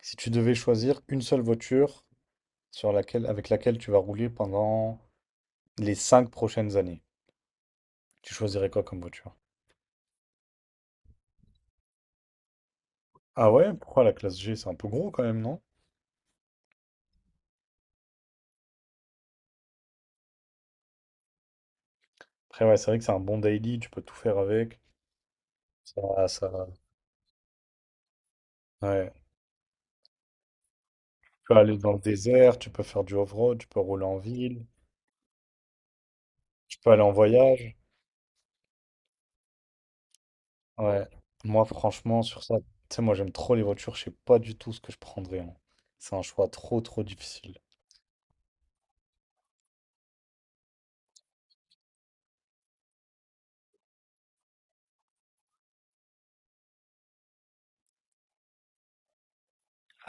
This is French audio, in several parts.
Si tu devais choisir une seule voiture avec laquelle tu vas rouler pendant les cinq prochaines années, tu choisirais quoi comme voiture? Ah ouais, pourquoi la classe G, c'est un peu gros quand même, non? Après ouais, c'est vrai que c'est un bon daily, tu peux tout faire avec. Ça, ça. Ouais. Tu peux aller dans le désert, tu peux faire du off-road, tu peux rouler en ville, tu peux aller en voyage. Ouais. Moi franchement sur ça, tu sais, moi j'aime trop les voitures, je sais pas du tout ce que je prendrais, hein. C'est un choix trop trop difficile.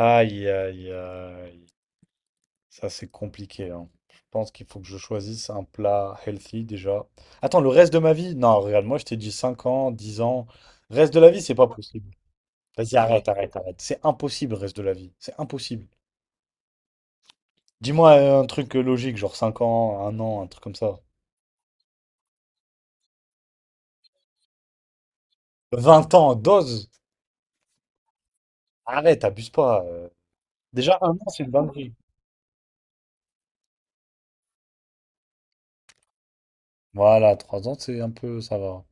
Aïe aïe aïe. Ça, c'est compliqué, hein. Je pense qu'il faut que je choisisse un plat healthy déjà. Attends, le reste de ma vie? Non, regarde, moi je t'ai dit 5 ans, 10 ans. Reste de la vie, c'est pas possible. Vas-y, arrête, arrête, arrête. C'est impossible, reste de la vie. C'est impossible. Dis-moi un truc logique, genre 5 ans, un an, un truc comme ça. 20 ans, dose. Arrête, abuse pas. Déjà, un an, c'est une dinguerie. Voilà, 3 ans, c'est un peu, ça va.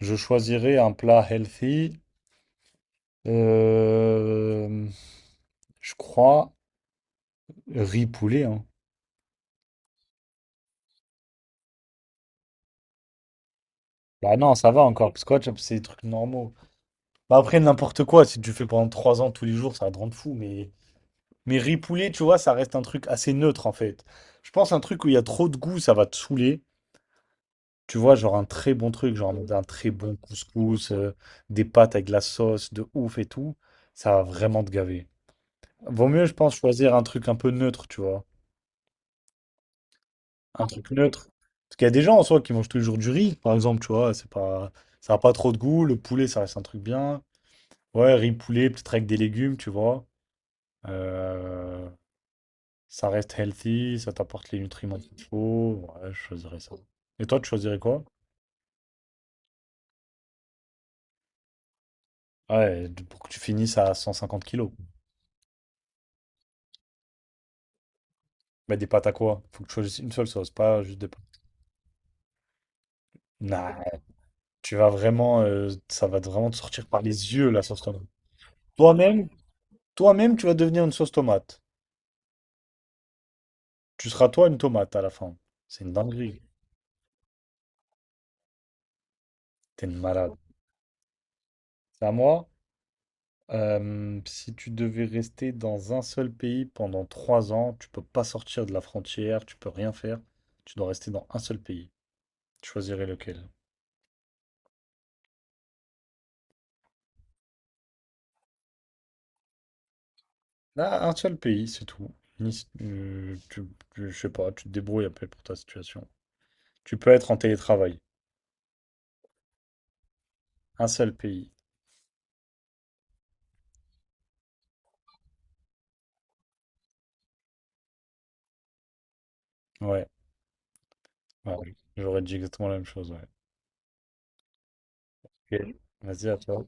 Je choisirais un plat healthy. Euh, je crois riz poulet, hein. Bah non, ça va encore, parce que Watch Up, c'est des trucs normaux. Bah après, n'importe quoi, si tu fais pendant 3 ans tous les jours, ça va te rendre fou, mais. Mais riz poulet tu vois, ça reste un truc assez neutre, en fait. Je pense un truc où il y a trop de goût, ça va te saouler. Tu vois, genre un très bon truc, genre un très bon couscous, des pâtes avec de la sauce, de ouf et tout, ça va vraiment te gaver. Vaut mieux, je pense, choisir un truc un peu neutre, tu vois. Un truc neutre. Parce qu'il y a des gens, en soi, qui mangent toujours du riz, par exemple, tu vois, c'est pas. Ça n'a pas trop de goût, le poulet, ça reste un truc bien. Ouais, riz poulet, peut-être avec des légumes, tu vois. Euh, ça reste healthy, ça t'apporte les nutriments qu'il faut. Ouais, je choisirais ça. Et toi, tu choisirais quoi? Ouais, pour que tu finisses à 150 kilos. Bah, des pâtes à quoi? Faut que tu choisisses une seule sauce, pas juste des pâtes. Nah, ça va vraiment te sortir par les yeux, la sauce tomate. Toi-même, toi-même, tu vas devenir une sauce tomate. Tu seras toi une tomate à la fin. C'est une dinguerie. T'es une malade. C'est à moi? Si tu devais rester dans un seul pays pendant 3 ans, tu peux pas sortir de la frontière, tu peux rien faire, tu dois rester dans un seul pays. Tu choisirais lequel? Ah, un seul pays, c'est tout. Ni- euh, tu, je sais pas, tu te débrouilles après pour ta situation. Tu peux être en télétravail. Un seul pays. Ouais, ouais, ouais. J'aurais dit exactement la même chose, ouais. Ok. Vas-y, à toi.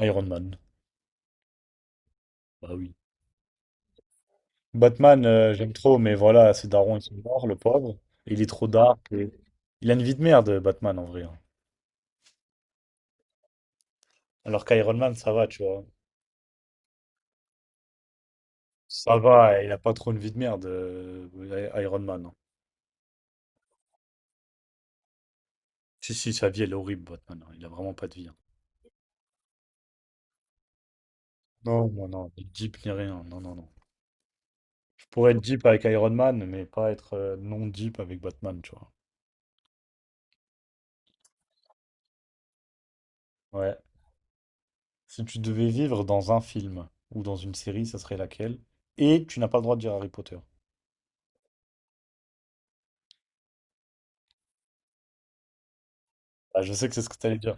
Iron Man. Bah oui. Batman, j'aime trop, mais voilà, ses darons, ils sont morts, le pauvre. Il est trop dark. Il a une vie de merde, Batman, en vrai, hein. Alors qu'Iron Man, ça va, tu vois. Ça va, il a pas trop une vie de merde, Iron Man, hein. Si, si, sa vie, elle est horrible, Batman, hein. Il a vraiment pas de vie, hein. Non, non, non. Ni deep ni rien. Non, non, non. Je pourrais être deep avec Iron Man, mais pas être non deep avec Batman, tu vois. Ouais. Si tu devais vivre dans un film ou dans une série, ça serait laquelle? Et tu n'as pas le droit de dire Harry Potter. Ah, je sais que c'est ce que t'allais dire.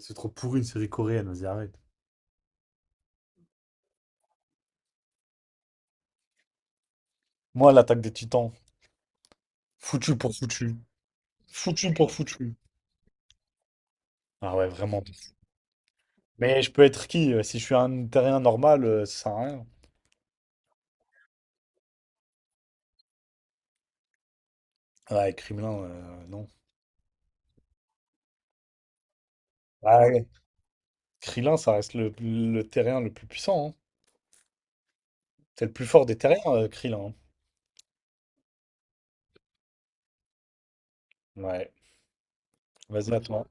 C'est trop pourri une série coréenne, vas-y, arrête. Moi, l'attaque des Titans. Foutu pour foutu. Foutu pour foutu. Ah ouais, vraiment. Mais je peux être qui? Si je suis un terrien normal, ça sert à rien. Ouais, Krillin, non. Ah ouais. Krillin, ça reste le terrien le plus puissant, hein. C'est le plus fort des terriens, Krillin, hein. Ouais. Vas-y, à toi.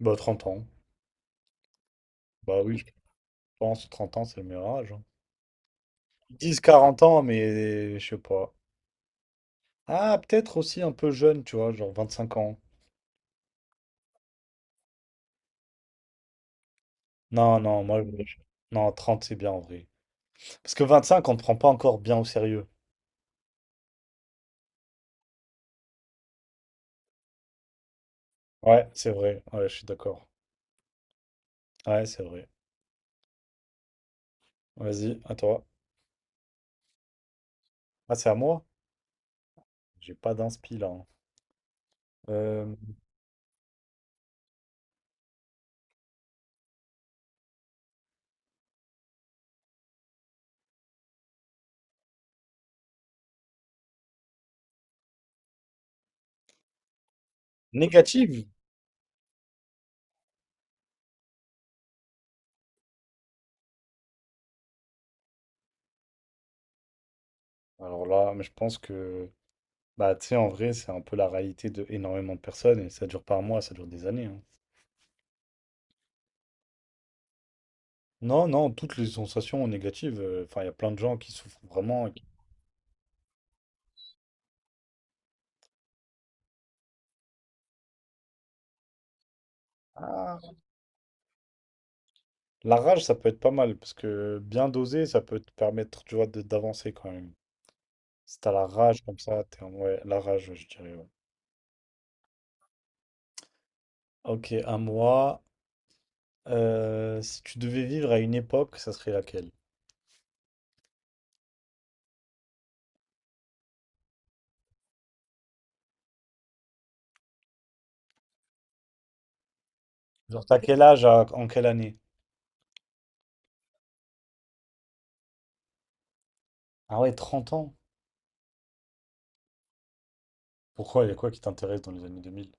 Bah, 30 ans. Bah oui, je pense 30 ans, c'est le meilleur âge, hein. Ils disent 40 ans, mais je sais pas. Ah, peut-être aussi un peu jeune, tu vois, genre 25 ans. Non, non, moi, non, 30 c'est bien en vrai. Parce que 25, on ne te prend pas encore bien au sérieux. Ouais, c'est vrai. Ouais, je suis d'accord. Ouais, c'est vrai. Vas-y, à toi. Ah, c'est à moi? J'ai pas d'inspi là, hein. Euh, négative? Alors là, mais je pense que, bah, tu sais, en vrai, c'est un peu la réalité de énormément de personnes et ça dure pas un mois, ça dure des années, hein. Non, non, toutes les sensations négatives. Enfin, il y a plein de gens qui souffrent vraiment. Ah. La rage, ça peut être pas mal parce que bien dosé, ça peut te permettre, tu vois, d'avancer quand même. Si t'as la rage comme ça, t'es en, ouais, la rage, ouais, je dirais, ouais. Ok, à moi. Si tu devais vivre à une époque, ça serait laquelle? Genre, t'as quel âge en quelle année? Ah ouais, 30 ans? Pourquoi? Il y a quoi qui t'intéresse dans les années 2000?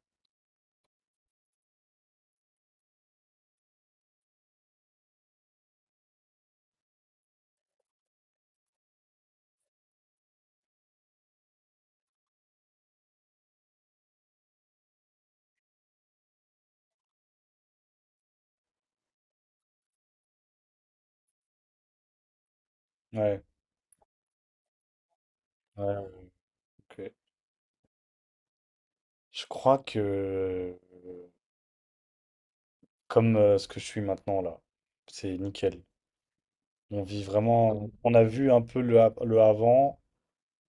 Ouais, ouais, ouais, ok. Je crois que, comme ce que je suis maintenant là, c'est nickel. On vit vraiment, on a vu un peu le avant,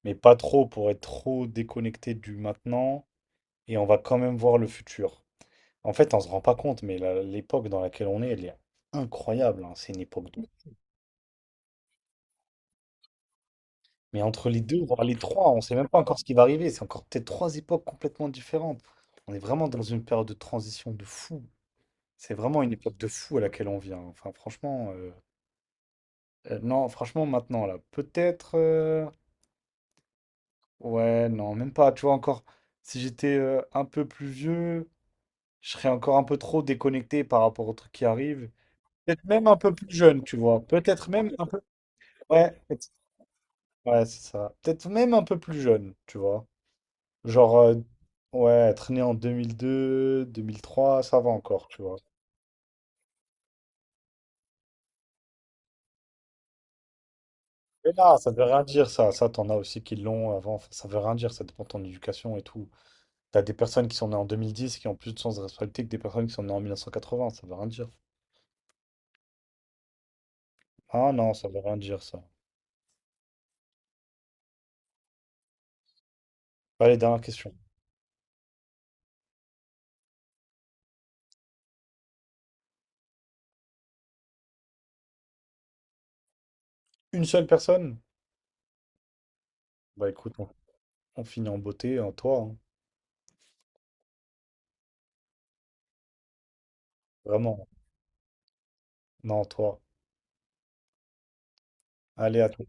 mais pas trop pour être trop déconnecté du maintenant, et on va quand même voir le futur. En fait, on se rend pas compte, mais l'époque dans laquelle on est, elle est incroyable, hein. C'est une époque de. Mais entre les deux, voire les trois, on ne sait même pas encore ce qui va arriver. C'est encore peut-être trois époques complètement différentes. On est vraiment dans une période de transition de fou. C'est vraiment une époque de fou à laquelle on vient. Enfin, franchement, non, franchement, maintenant, là, peut-être, ouais, non, même pas. Tu vois, encore, si j'étais un peu plus vieux, je serais encore un peu trop déconnecté par rapport aux trucs qui arrivent. Peut-être même un peu plus jeune, tu vois. Peut-être même, ouais, ouais, c'est ça. Peut-être même un peu plus jeune, tu vois. Genre, ouais, traîner en 2002 deux mille mille trois ça va encore, tu vois. Mais là, ça veut rien dire, ça. Ça, t'en as aussi qui l'ont avant. Enfin, ça veut rien dire, ça dépend de ton éducation et tout. T'as des personnes qui sont nées en 2010 qui ont plus de sens de responsabilité que des personnes qui sont nées en 1980, ça veut rien dire. Ah non, ça veut rien dire, ça. Allez, dernière question. Une seule personne? Bah écoute, on finit en beauté, en toi, hein. Vraiment. Non, toi. Allez, à tout.